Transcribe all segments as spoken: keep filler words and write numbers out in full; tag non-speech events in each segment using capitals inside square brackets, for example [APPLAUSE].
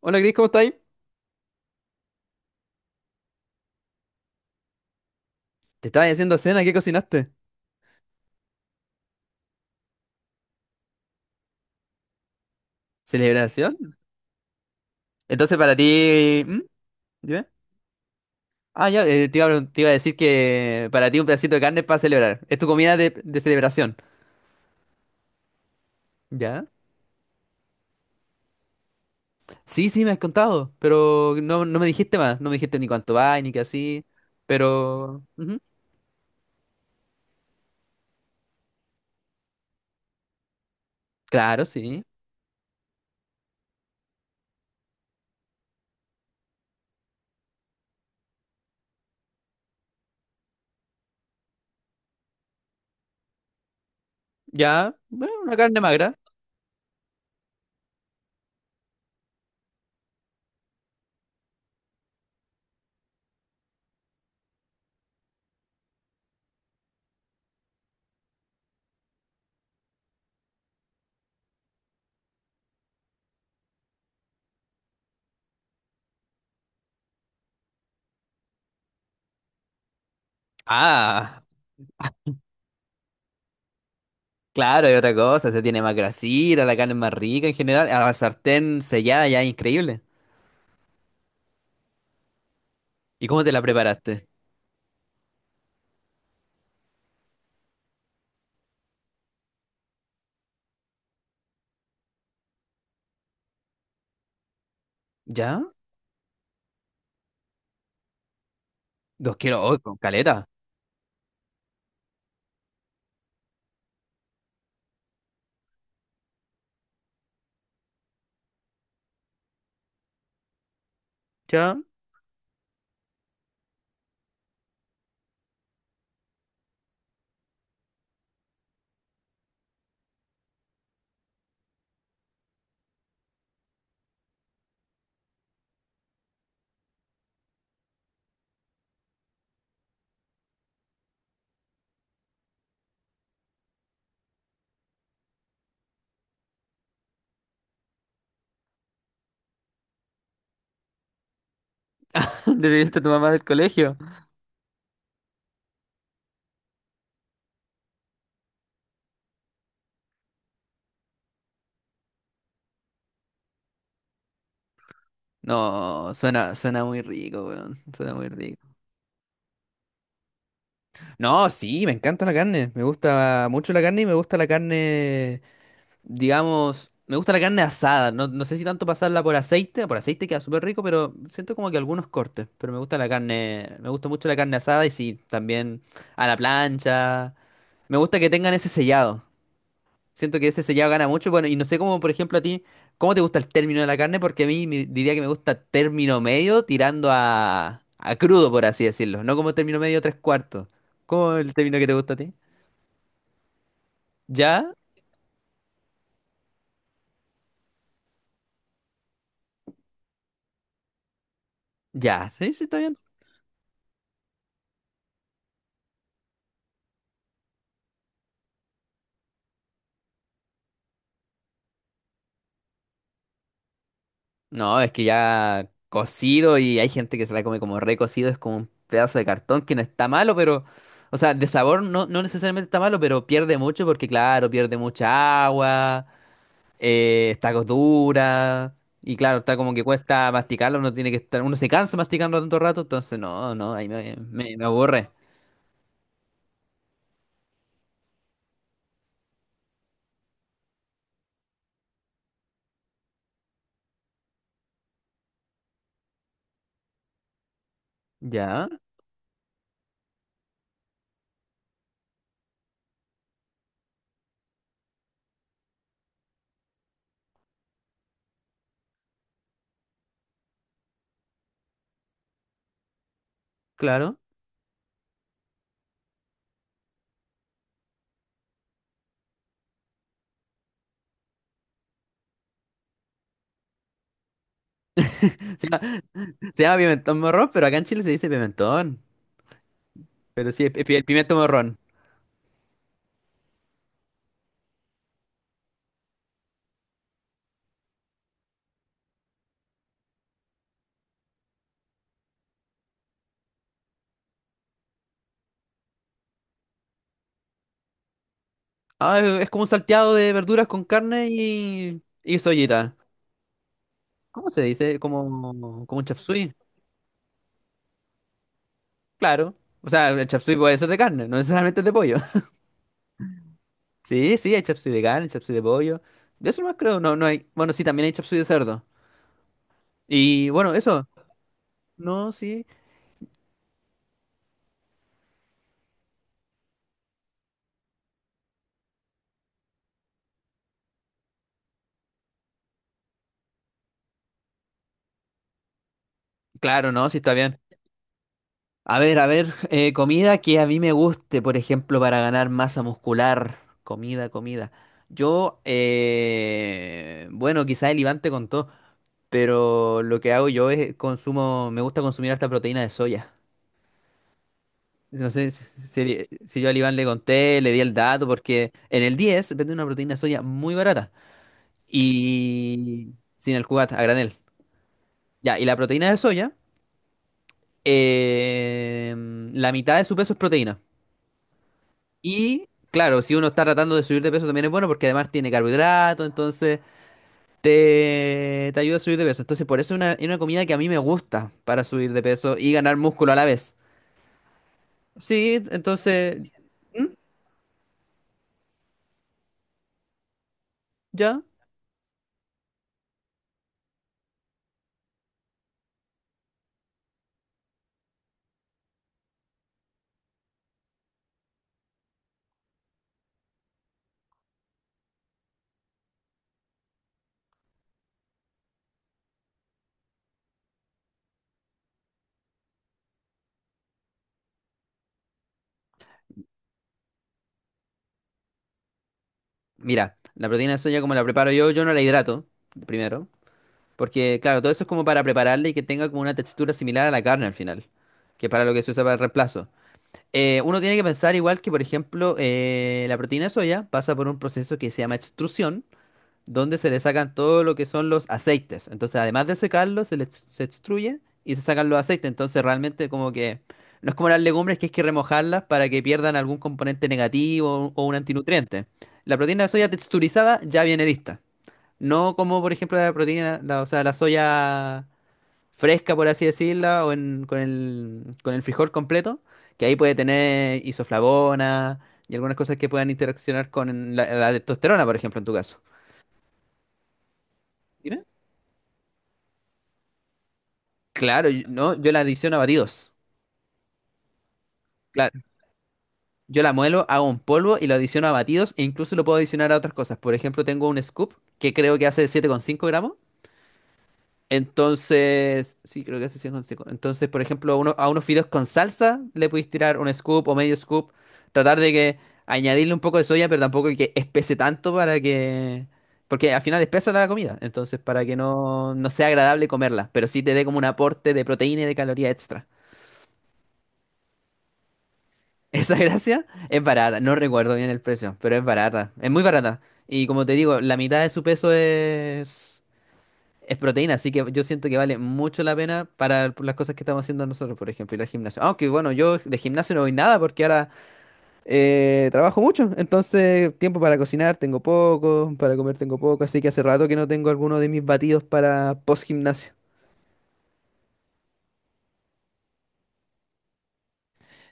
Hola Cris, ¿cómo estáis? Te estaba haciendo cena, ¿qué cocinaste? ¿Celebración? Entonces para ti. ¿Mm? Dime. Ah, ya, eh, te iba, a pregun- te iba a decir que para ti un pedacito de carne es para celebrar. Es tu comida de, de celebración. ¿Ya? Sí, sí, me has contado, pero no, no me dijiste más. No me dijiste ni cuánto va, ni qué así. Pero, ujú. Claro, sí. Ya, bueno, una carne magra. Ah, claro, hay otra cosa. Se tiene más grasita, la carne es más rica en general. A la sartén sellada ya, es increíble. ¿Y cómo te la preparaste? ¿Ya? Dos kilos, hoy con caleta. ¿Ya? [LAUGHS] ¿Despediste a tu mamá del colegio? No, suena, suena muy rico, weón. Suena muy rico. No, sí, me encanta la carne. Me gusta mucho la carne y me gusta la carne, digamos, me gusta la carne asada. No, no sé si tanto pasarla por aceite, por aceite queda súper rico, pero siento como que algunos cortes. Pero me gusta la carne, me gusta mucho la carne asada y sí, también a la plancha. Me gusta que tengan ese sellado. Siento que ese sellado gana mucho. Bueno, y no sé cómo, por ejemplo, a ti, ¿cómo te gusta el término de la carne? Porque a mí me- diría que me gusta término medio tirando a, a crudo, por así decirlo. No como término medio tres cuartos. ¿Cómo es el término que te gusta a ti? ¿Ya? ¿Ya? ¿Sí? ¿Sí está bien? No, es que ya cocido y hay gente que se la come como recocido. Es como un pedazo de cartón que no está malo. Pero... O sea, de sabor no, no necesariamente está malo, pero pierde mucho porque, claro, pierde mucha agua. Eh, está dura. Y claro, está como que cuesta masticarlo, uno tiene que estar, uno se cansa masticando tanto rato, entonces no, no, ahí me, me, me aburre. Ya, claro. [LAUGHS] Se llama, se llama pimentón morrón, pero acá en Chile se dice pimentón. Pero sí, es pi- el pimiento morrón. Ah, es, es como un salteado de verduras con carne y, y soyita. ¿Cómo se dice? Como, como un chapsui. Claro. O sea, el chapsui puede ser de carne, no necesariamente es de pollo. Sí, sí, hay chapsui de carne, chapsui de pollo. De eso más creo, no, no hay. Bueno, sí, también hay chapsui de cerdo. Y bueno, eso. No, sí. Claro, no, sí está bien. A ver, a ver, [LAUGHS] eh, comida que a mí me guste, por ejemplo, para ganar masa muscular. Comida, comida. Yo, eh, bueno, quizá el Iván te contó, pero lo que hago yo es consumo, me gusta consumir harta proteína de soya. No sé si, si- si si yo al Iván le conté, le di el dato, porque en el diez venden una proteína de soya muy barata. Y sin el cugat, a granel. Ya, y la proteína de soya, eh, la mitad de su peso es proteína. Y claro, si uno está tratando de subir de peso también es bueno porque además tiene carbohidrato, entonces te, te ayuda a subir de peso. Entonces por eso es una, es una comida que a mí me gusta para subir de peso y ganar músculo a la vez. Sí, entonces ya. Mira, la proteína de soya como la preparo yo, yo no la hidrato, primero. Porque, claro, todo eso es como para prepararle y que tenga como una textura similar a la carne al final, que es para lo que se usa para el reemplazo. Eh, uno tiene que pensar igual que, por ejemplo, eh, la proteína de soya pasa por un proceso que se llama extrusión, donde se le sacan todo lo que son los aceites. Entonces, además de secarlos se les se extruye y se sacan los aceites. Entonces, realmente como que no es como las legumbres que es que remojarlas para que pierdan algún componente negativo o un antinutriente. La proteína de soya texturizada ya viene lista. No como, por ejemplo, la proteína, la- o sea, la soya fresca, por así decirla, o en- con el, con el frijol completo, que ahí puede tener isoflavona y algunas cosas que puedan interaccionar con la, la testosterona, por ejemplo, en tu caso. Dime. Claro, yo- no, yo la adiciono a batidos. Claro, yo la muelo, hago un polvo y lo adiciono a batidos e incluso lo puedo adicionar a otras cosas. Por ejemplo, tengo un scoop que creo que hace siete coma cinco gramos. Entonces, sí, creo que hace cien con cinco. Entonces, por ejemplo, a, uno- a unos fideos con salsa le podéis tirar un scoop o medio scoop. Tratar de que añadirle un poco de soya, pero tampoco que espese tanto para que. Porque al final espesa la comida, entonces para que no, no sea agradable comerla, pero sí te dé como un aporte de proteína y de caloría extra. Esa [LAUGHS] gracia es barata, no recuerdo bien el precio, pero es barata, es muy barata. Y como te digo, la mitad de su peso es. Es proteína, así que yo siento que vale mucho la pena para las cosas que estamos haciendo nosotros, por ejemplo, ir al gimnasio. Aunque bueno, yo de gimnasio no voy nada porque ahora eh, trabajo mucho, entonces tiempo para cocinar tengo poco, para comer tengo poco, así que hace rato que no tengo alguno de mis batidos para post gimnasio.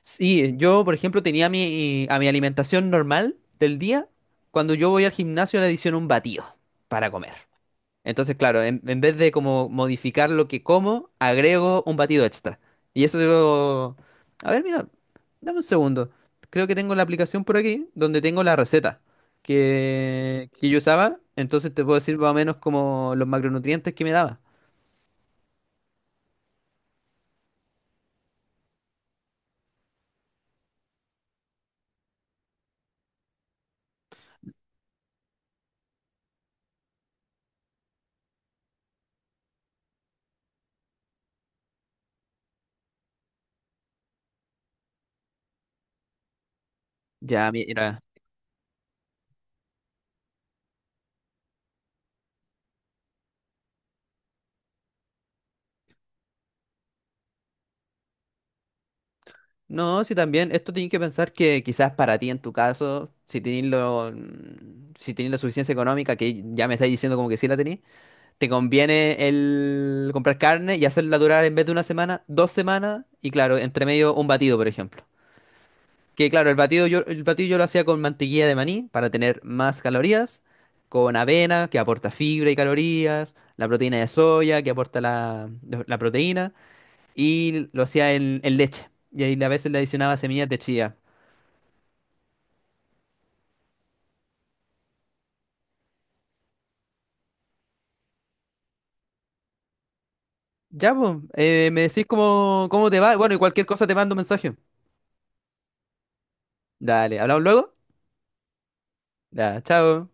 Sí, yo por ejemplo tenía mi, a mi alimentación normal del día, cuando yo voy al gimnasio le adiciono un batido para comer. Entonces, claro, en, en vez de como modificar lo que como, agrego un batido extra. Y eso digo. A ver, mira, dame un segundo. Creo que tengo la aplicación por aquí donde tengo la receta que, que yo usaba. Entonces te puedo decir más o menos como los macronutrientes que me daba. Ya, mira. No, sí, también esto tienes que pensar que quizás para ti en tu caso, si tenés lo, si tenés la suficiencia económica, que ya me estáis diciendo como que sí la tenés, te conviene el comprar carne y hacerla durar en vez de una semana, dos semanas y claro, entre medio un batido, por ejemplo. Que claro, el batido yo, el batido yo lo hacía con mantequilla de maní para tener más calorías, con avena que aporta fibra y calorías, la proteína de soya que aporta la, la proteína y lo hacía en, en leche. Y ahí a veces le adicionaba semillas de chía. Ya, pues, me decís cómo, cómo te va. Bueno, y cualquier cosa te mando un mensaje. Dale, hablamos luego. Ya, chao.